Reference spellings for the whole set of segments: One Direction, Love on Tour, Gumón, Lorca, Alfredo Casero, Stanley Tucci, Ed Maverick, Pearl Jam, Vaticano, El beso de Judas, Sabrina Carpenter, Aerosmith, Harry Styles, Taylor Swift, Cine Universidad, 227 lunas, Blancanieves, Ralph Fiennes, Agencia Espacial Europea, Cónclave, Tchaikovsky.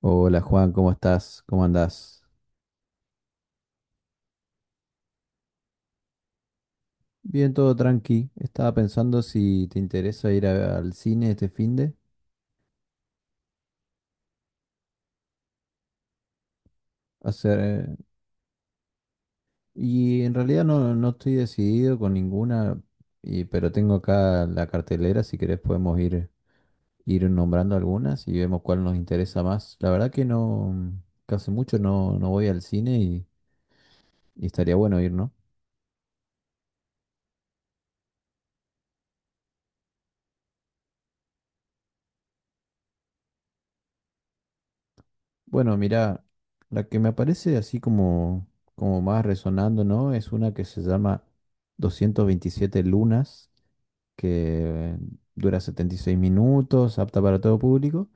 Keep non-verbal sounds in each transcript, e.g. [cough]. Hola Juan, ¿cómo estás? ¿Cómo andás? Bien, todo tranqui. Estaba pensando si te interesa ir al cine este finde. Hacer, y en realidad no estoy decidido con ninguna, pero tengo acá la cartelera, si querés podemos ir nombrando algunas y vemos cuál nos interesa más. La verdad que no, que hace mucho no voy al cine y estaría bueno ir, ¿no? Bueno, mira, la que me aparece así como más resonando, ¿no? Es una que se llama 227 lunas, que dura 76 minutos, apta para todo público,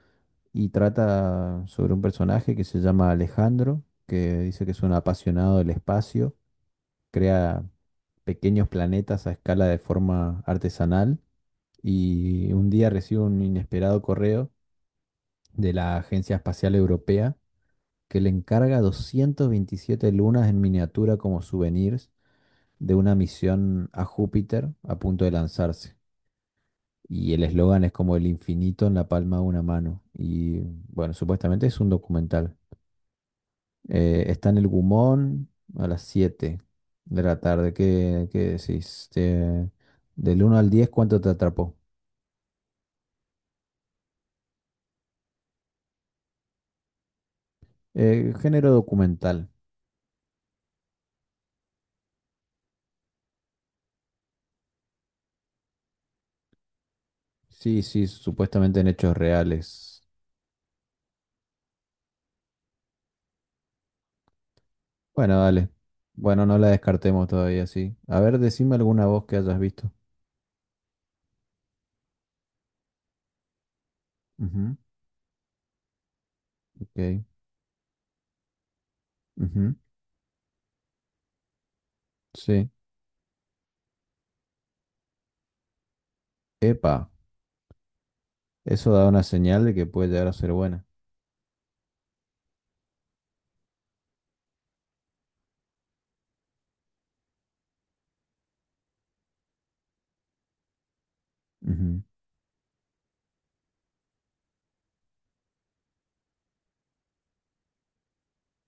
y trata sobre un personaje que se llama Alejandro, que dice que es un apasionado del espacio, crea pequeños planetas a escala de forma artesanal, y un día recibe un inesperado correo de la Agencia Espacial Europea que le encarga 227 lunas en miniatura como souvenirs de una misión a Júpiter a punto de lanzarse. Y el eslogan es como el infinito en la palma de una mano. Y bueno, supuestamente es un documental. Está en el Gumón a las 7 de la tarde. ¿Qué decís? Del uno al diez, ¿cuánto te atrapó? Género documental. Sí, sí, supuestamente en hechos reales. Bueno, dale. Bueno, no la descartemos todavía, sí. A ver, decime alguna voz que hayas visto. Ujú, ok. Ujú, sí. Epa, eso da una señal de que puede llegar a ser buena. Ujú,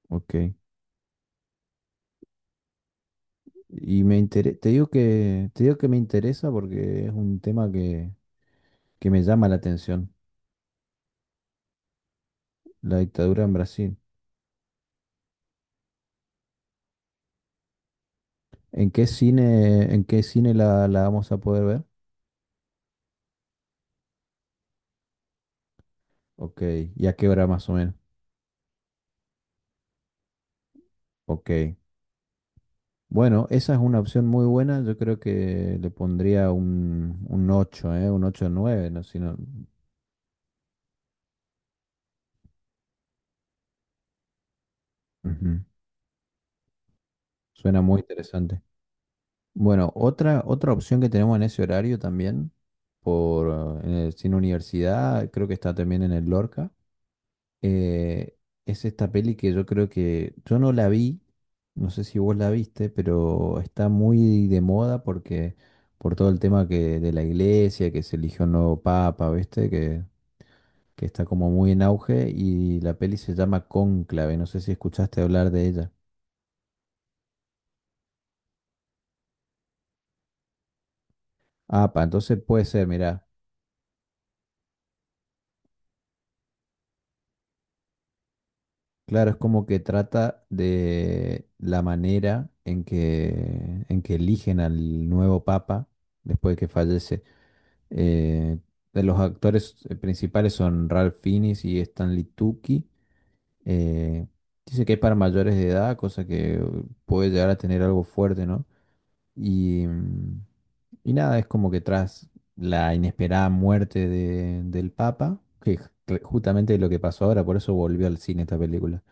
ok. Y te digo que me interesa porque es un tema que me llama la atención, la dictadura en Brasil. ¿En qué cine la vamos a poder ver? Ok, ¿y a qué hora más o menos? Ok. Bueno, esa es una opción muy buena. Yo creo que le pondría un 8, ¿eh? Un ocho nueve, ¿no? Si Ujú. Suena muy interesante. Bueno, otra opción que tenemos en ese horario también, en el Cine Universidad, creo que está también en el Lorca, eh, es esta peli que yo creo que yo no la vi, no sé si vos la viste, pero está muy de moda porque por todo el tema que, de la iglesia, que se eligió un nuevo papa, ¿viste? Que está como muy en auge y la peli se llama Cónclave, no sé si escuchaste hablar de ella. Ah, pa, entonces puede ser, mirá. Claro, es como que trata de la manera en que eligen al nuevo papa después de que fallece. Eh, de los actores principales son Ralph Fiennes y Stanley Tucci. Eh, Dice que es para mayores de edad, cosa que puede llegar a tener algo fuerte, ¿no? Y mm, Y nada, es como que tras la inesperada muerte del Papa, que es justamente lo que pasó ahora, por eso volvió al cine esta película.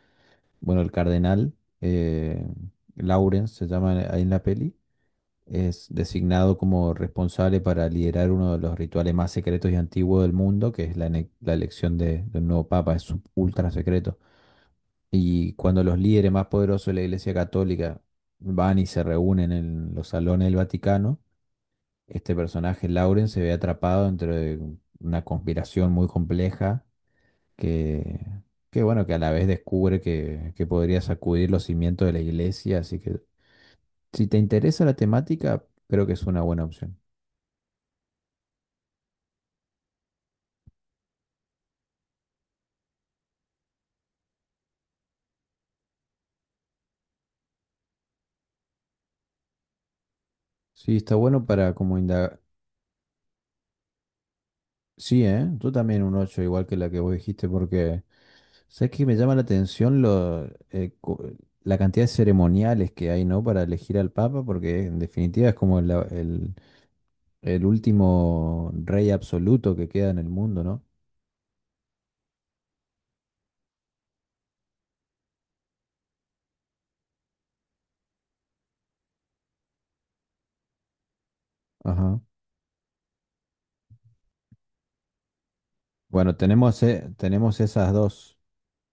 Bueno, el cardenal, eh, Lawrence se llama, ahí en la peli, es designado como responsable para liderar uno de los rituales más secretos y antiguos del mundo, que es la elección de un nuevo Papa, es un ultra secreto. Y cuando los líderes más poderosos de la Iglesia Católica van y se reúnen en los salones del Vaticano, este personaje, Lauren, se ve atrapado dentro de una conspiración muy compleja que, que bueno, que a la vez descubre que podría sacudir los cimientos de la iglesia. Así que si te interesa la temática, creo que es una buena opción. Sí, está bueno para como indagar. Sí, ¿eh? Tú también un 8 igual que la que vos dijiste, porque sabes que me llama la atención eh, cu- la cantidad de ceremoniales que hay, ¿no? Para elegir al Papa, porque en definitiva es como el último rey absoluto que queda en el mundo, ¿no? Ajá. Bueno, tenemos esas dos,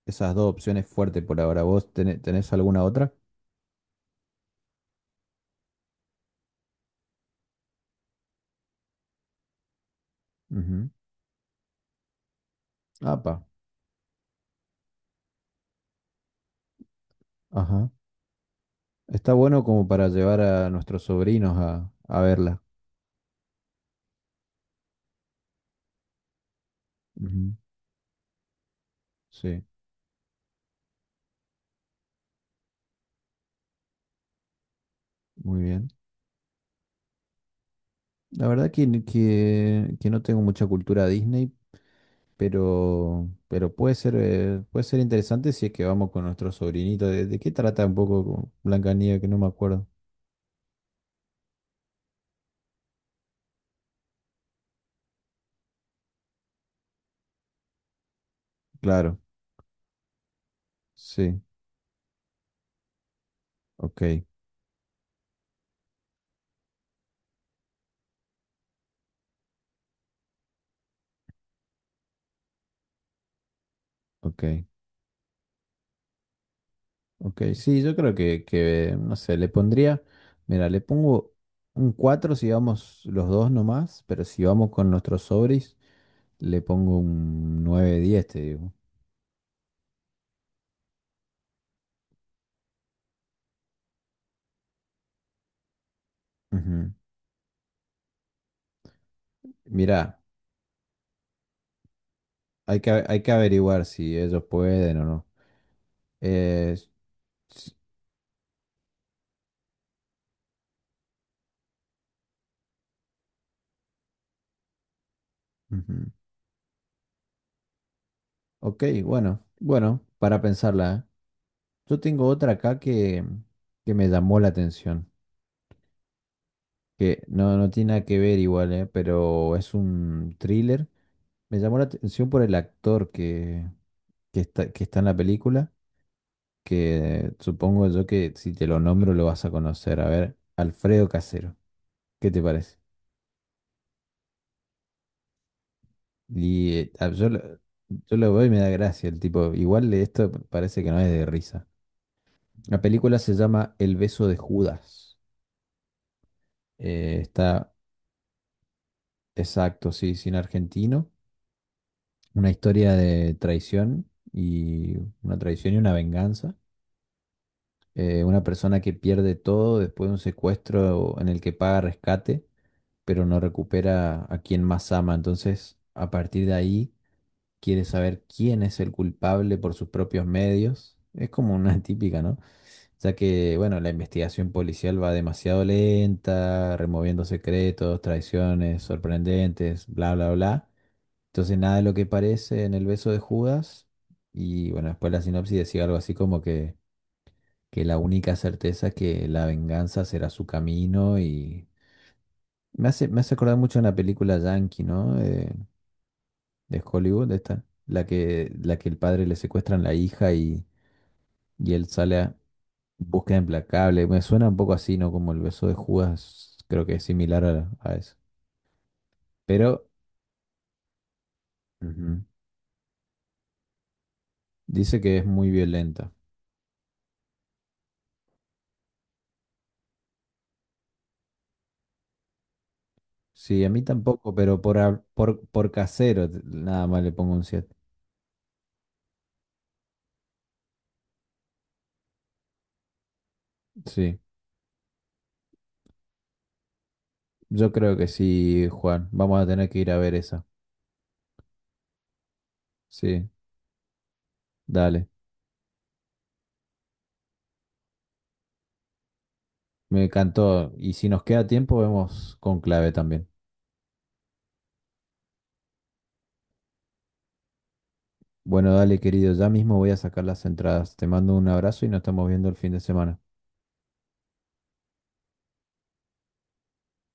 esas dos opciones fuertes por ahora. ¿Vos tenés alguna otra? Ujú. Apa. Ajá. Está bueno como para llevar a nuestros sobrinos a verla. Ujú. Sí, muy bien. La verdad que no tengo mucha cultura Disney, pero puede ser interesante si es que vamos con nuestro sobrinito. ¿De qué trata un poco Blancanieves? Que no me acuerdo. Claro. Sí, ok, ok, ok. Sí, yo creo que, no sé, le pondría, mira, le pongo un 4 si vamos los dos nomás, pero si vamos con nuestros sobris, le pongo un nueve diez, te digo. Ujú. Mira, hay que averiguar si ellos pueden o no. Eh, s- Ujú. Ok, bueno, bueno, para pensarla, ¿eh? Yo tengo otra acá que me llamó la atención, que no tiene nada que ver igual, ¿eh? Pero es un thriller. Me llamó la atención por el actor que está en la película, que supongo yo que si te lo nombro lo vas a conocer. A ver, Alfredo Casero, ¿qué te parece? Y eh, a- yo, lo- yo lo veo y me da gracia el tipo. Igual esto parece que no es de risa. La película se llama El beso de Judas. Está Exacto, sí, cine argentino. Una historia de traición y una venganza. Una persona que pierde todo después de un secuestro en el que paga rescate, pero no recupera a quien más ama. Entonces, a partir de ahí, quiere saber quién es el culpable por sus propios medios. Es como una [laughs] típica, ¿no? Ya que, bueno, la investigación policial va demasiado lenta, removiendo secretos, traiciones sorprendentes, bla, bla, bla. Entonces nada de lo que parece en el beso de Judas. Y bueno, después la sinopsis decía algo así como que la única certeza es que la venganza será su camino y me hace acordar mucho a una película yankee, ¿no? De Hollywood, esta, la que el padre le secuestran la hija y él sale a búsqueda implacable. Me suena un poco así, ¿no? Como el beso de Judas, creo que es similar a eso. Pero ujú, dice que es muy violenta. Sí, a mí tampoco, pero por casero nada más le pongo un 7. Sí, yo creo que sí, Juan. Vamos a tener que ir a ver esa. Sí, dale. Me encantó. Y si nos queda tiempo, vemos con clave también. Bueno, dale, querido. Ya mismo voy a sacar las entradas. Te mando un abrazo y nos estamos viendo el fin de semana.